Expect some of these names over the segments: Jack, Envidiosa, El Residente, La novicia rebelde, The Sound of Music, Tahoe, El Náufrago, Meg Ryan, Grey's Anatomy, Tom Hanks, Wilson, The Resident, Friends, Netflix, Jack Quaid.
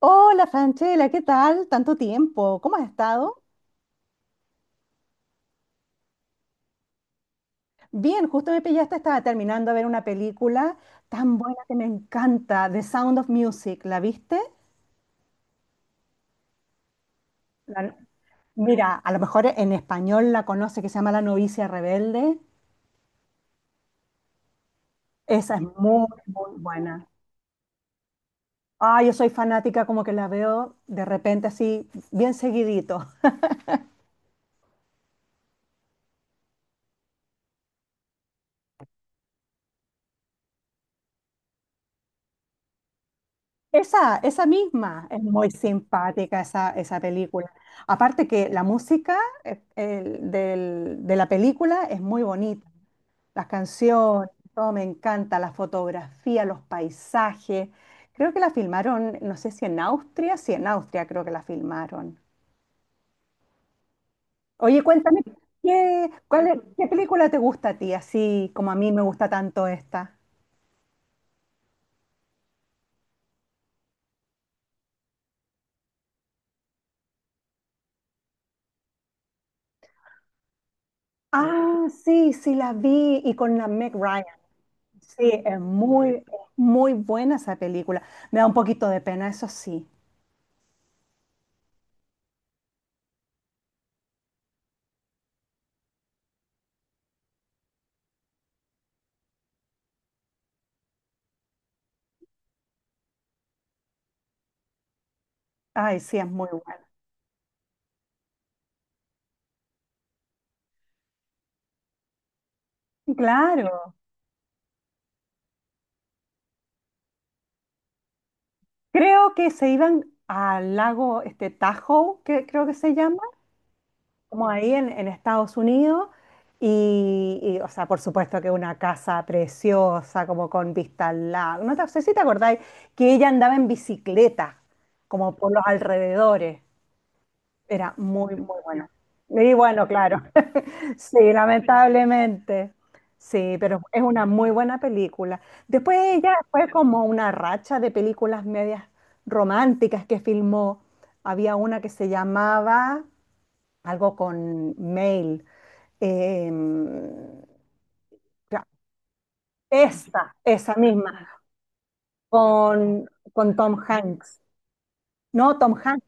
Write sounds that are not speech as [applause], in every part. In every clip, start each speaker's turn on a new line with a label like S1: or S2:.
S1: Hola Franchela, ¿qué tal? Tanto tiempo, ¿cómo has estado? Bien, justo me pillaste, estaba terminando de ver una película tan buena que me encanta, The Sound of Music, ¿la viste? La- Mira, a lo mejor en español la conoce, que se llama La novicia rebelde. Esa es muy, muy buena. Ah, yo soy fanática, como que la veo de repente así, bien seguidito. Esa misma es muy simpática esa película. Aparte que la música de la película es muy bonita. Las canciones, todo me encanta, la fotografía, los paisajes. Creo que la filmaron, no sé si en Austria, sí, en Austria creo que la filmaron. Oye, cuéntame, ¿Qué película te gusta a ti, así como a mí me gusta tanto esta? Ah, sí, sí, la vi y con la Meg Ryan. Sí, es muy buena esa película. Me da un poquito de pena, eso sí. Ay, sí, es muy buena. Claro. Creo que se iban al lago este Tahoe, que creo que se llama, como ahí en Estados Unidos. O sea, por supuesto que una casa preciosa, como con vista al lago. No sé si te acordáis que ella andaba en bicicleta, como por los alrededores. Era muy, muy bueno. Y bueno, claro. Sí, lamentablemente. Sí, pero es una muy buena película. Después ella fue como una racha de películas medias románticas que filmó. Había una que se llamaba algo con Mail. eh, ya, esa misma, con, con Tom Hanks. No, Tom Hanks.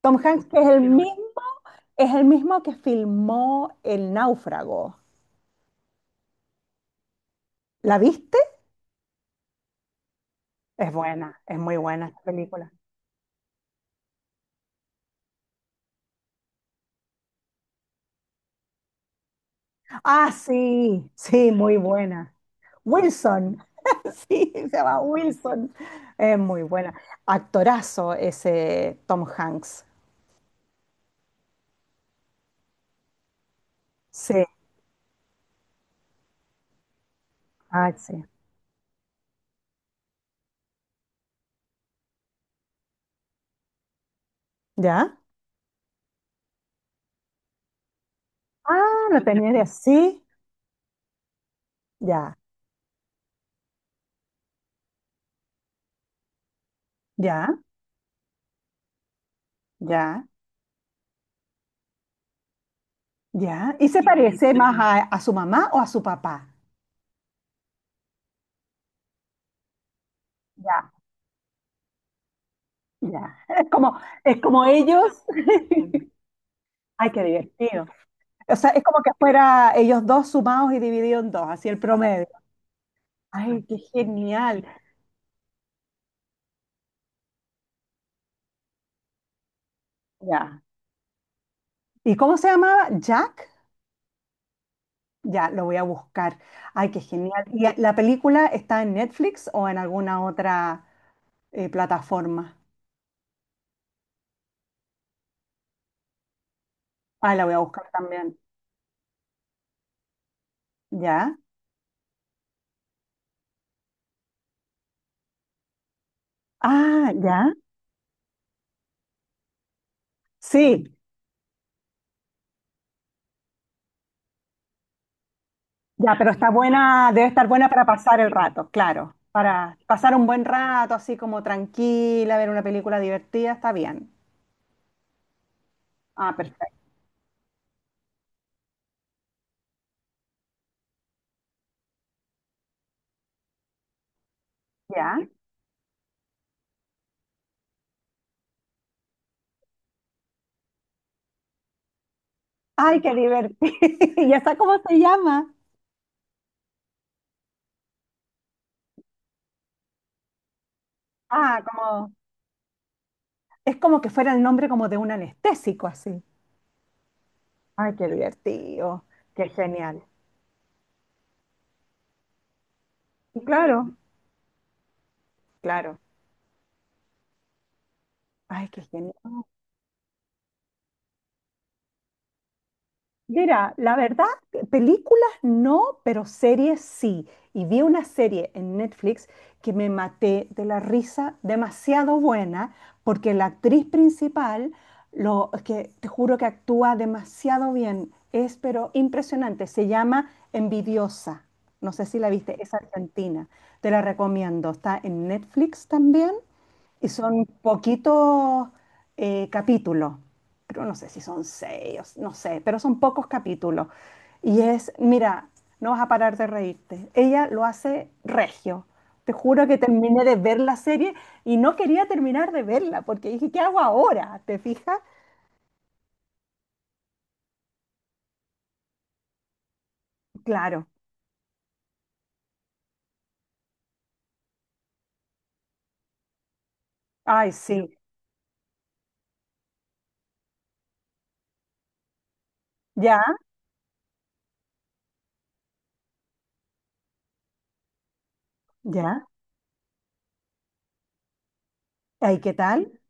S1: Tom Hanks que es el mismo que filmó El Náufrago. ¿La viste? Es buena, es muy buena esa película. Ah, sí, sí, muy buena. Wilson, [laughs] sí, se llama Wilson. Es muy buena. Actorazo ese Tom Hanks. Sí, ah, sí. ¿Ya? Ah, lo tenía de así. Ya, ya, ya, ya. ¿Y se parece más a su mamá o a su papá? Ya, ya. [laughs] Es como ellos. [laughs] Ay, qué divertido. O sea, es como que fuera ellos dos sumados y divididos en dos, así el promedio. Ay, qué genial. Ya. ¿Y cómo se llamaba? ¿Jack? Ya, lo voy a buscar. Ay, qué genial. ¿Y la película está en Netflix o en alguna otra plataforma? Ay, la voy a buscar también. ¿Ya? Ah, ya. Sí, ya, pero está buena, debe estar buena para pasar el rato, claro. Para pasar un buen rato, así como tranquila, ver una película divertida, está bien. Ah, perfecto. ¿Ya? Ay, qué divertido. [laughs] ¿Y esa cómo se llama? Ah, como, es como que fuera el nombre como de un anestésico, así. Ay, qué divertido, qué genial. Y claro, claro. Ay, qué genial. Mira, la verdad, películas no, pero series sí. Y vi una serie en Netflix que me maté de la risa, demasiado buena, porque la actriz principal, lo es que te juro que actúa demasiado bien, es pero impresionante. Se llama Envidiosa. No sé si la viste, es argentina. Te la recomiendo. Está en Netflix también. Y son poquitos capítulos, creo, no sé si son seis, no sé, pero son pocos capítulos. Y es, mira, no vas a parar de reírte. Ella lo hace regio. Te juro que terminé de ver la serie y no quería terminar de verla porque dije, ¿qué hago ahora? ¿Te fijas? Claro. Ay, sí. Ya, ya. Ay, ¿qué tal?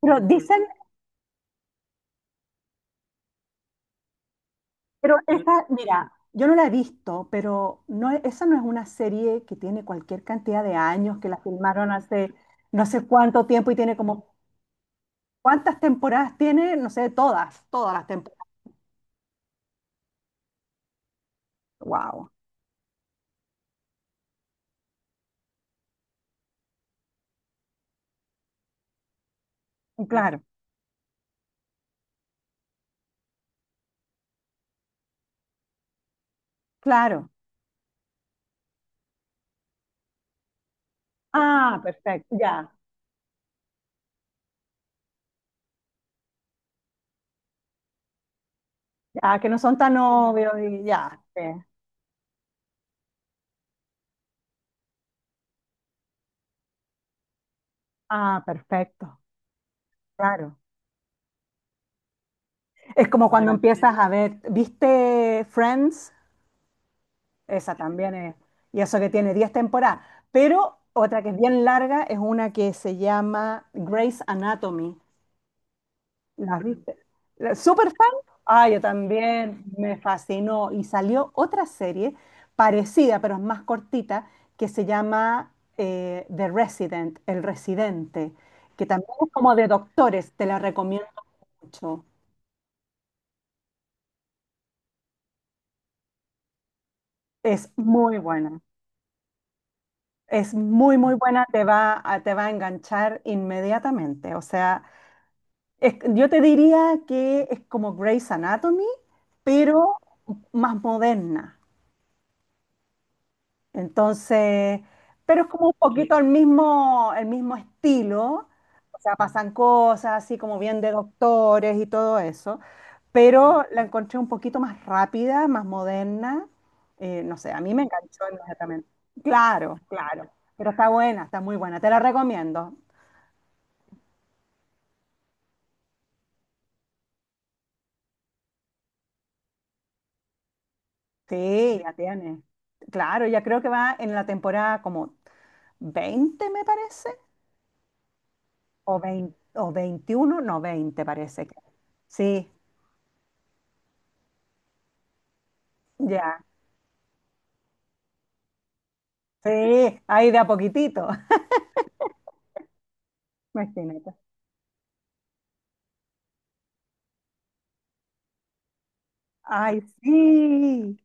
S1: Pero dicen Pero esta, mira, yo no la he visto, pero no, esa no es una serie que tiene cualquier cantidad de años, que la filmaron hace no sé cuánto tiempo y tiene como, ¿cuántas temporadas tiene? No sé, todas las temporadas. Wow. Claro, claro. Ah, perfecto, ya. Ya, que no son tan obvios y ya. Sí. Ah, perfecto, claro. Es como cuando empiezas a ver, ¿viste Friends? Esa también es. Y eso que tiene 10 temporadas. Pero otra que es bien larga es una que se llama Grey's Anatomy. ¿La viste? ¿Súper fan? Ah, yo también. Me fascinó. Y salió otra serie parecida, pero es más cortita, que se llama The Resident, El Residente, que también es como de doctores. Te la recomiendo mucho. Es muy buena. Es muy, muy buena, te va a enganchar inmediatamente. O sea, yo te diría que es como Grey's Anatomy, pero más moderna. Entonces, pero es como un Ok. Poquito el mismo estilo. O sea, pasan cosas así como bien de doctores y todo eso. Pero la encontré un poquito más rápida, más moderna. No sé, a mí me enganchó inmediatamente. Claro, claro. Pero está buena, está muy buena. Te la recomiendo. Sí, ya tiene. Claro, ya creo que va en la temporada como 20 me parece, o, 20 o 21 no, 20 parece que. Sí, ya. Sí, ahí de a poquitito. [laughs] Imagínate. Ay, sí.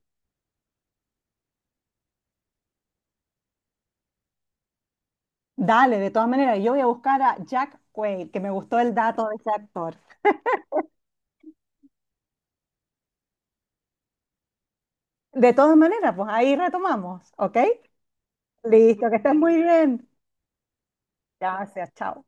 S1: Dale, de todas maneras, yo voy a buscar a Jack Quaid, que me gustó el dato de ese actor. De todas maneras, pues ahí retomamos, ¿ok? Listo, que estés muy bien. Gracias, chao.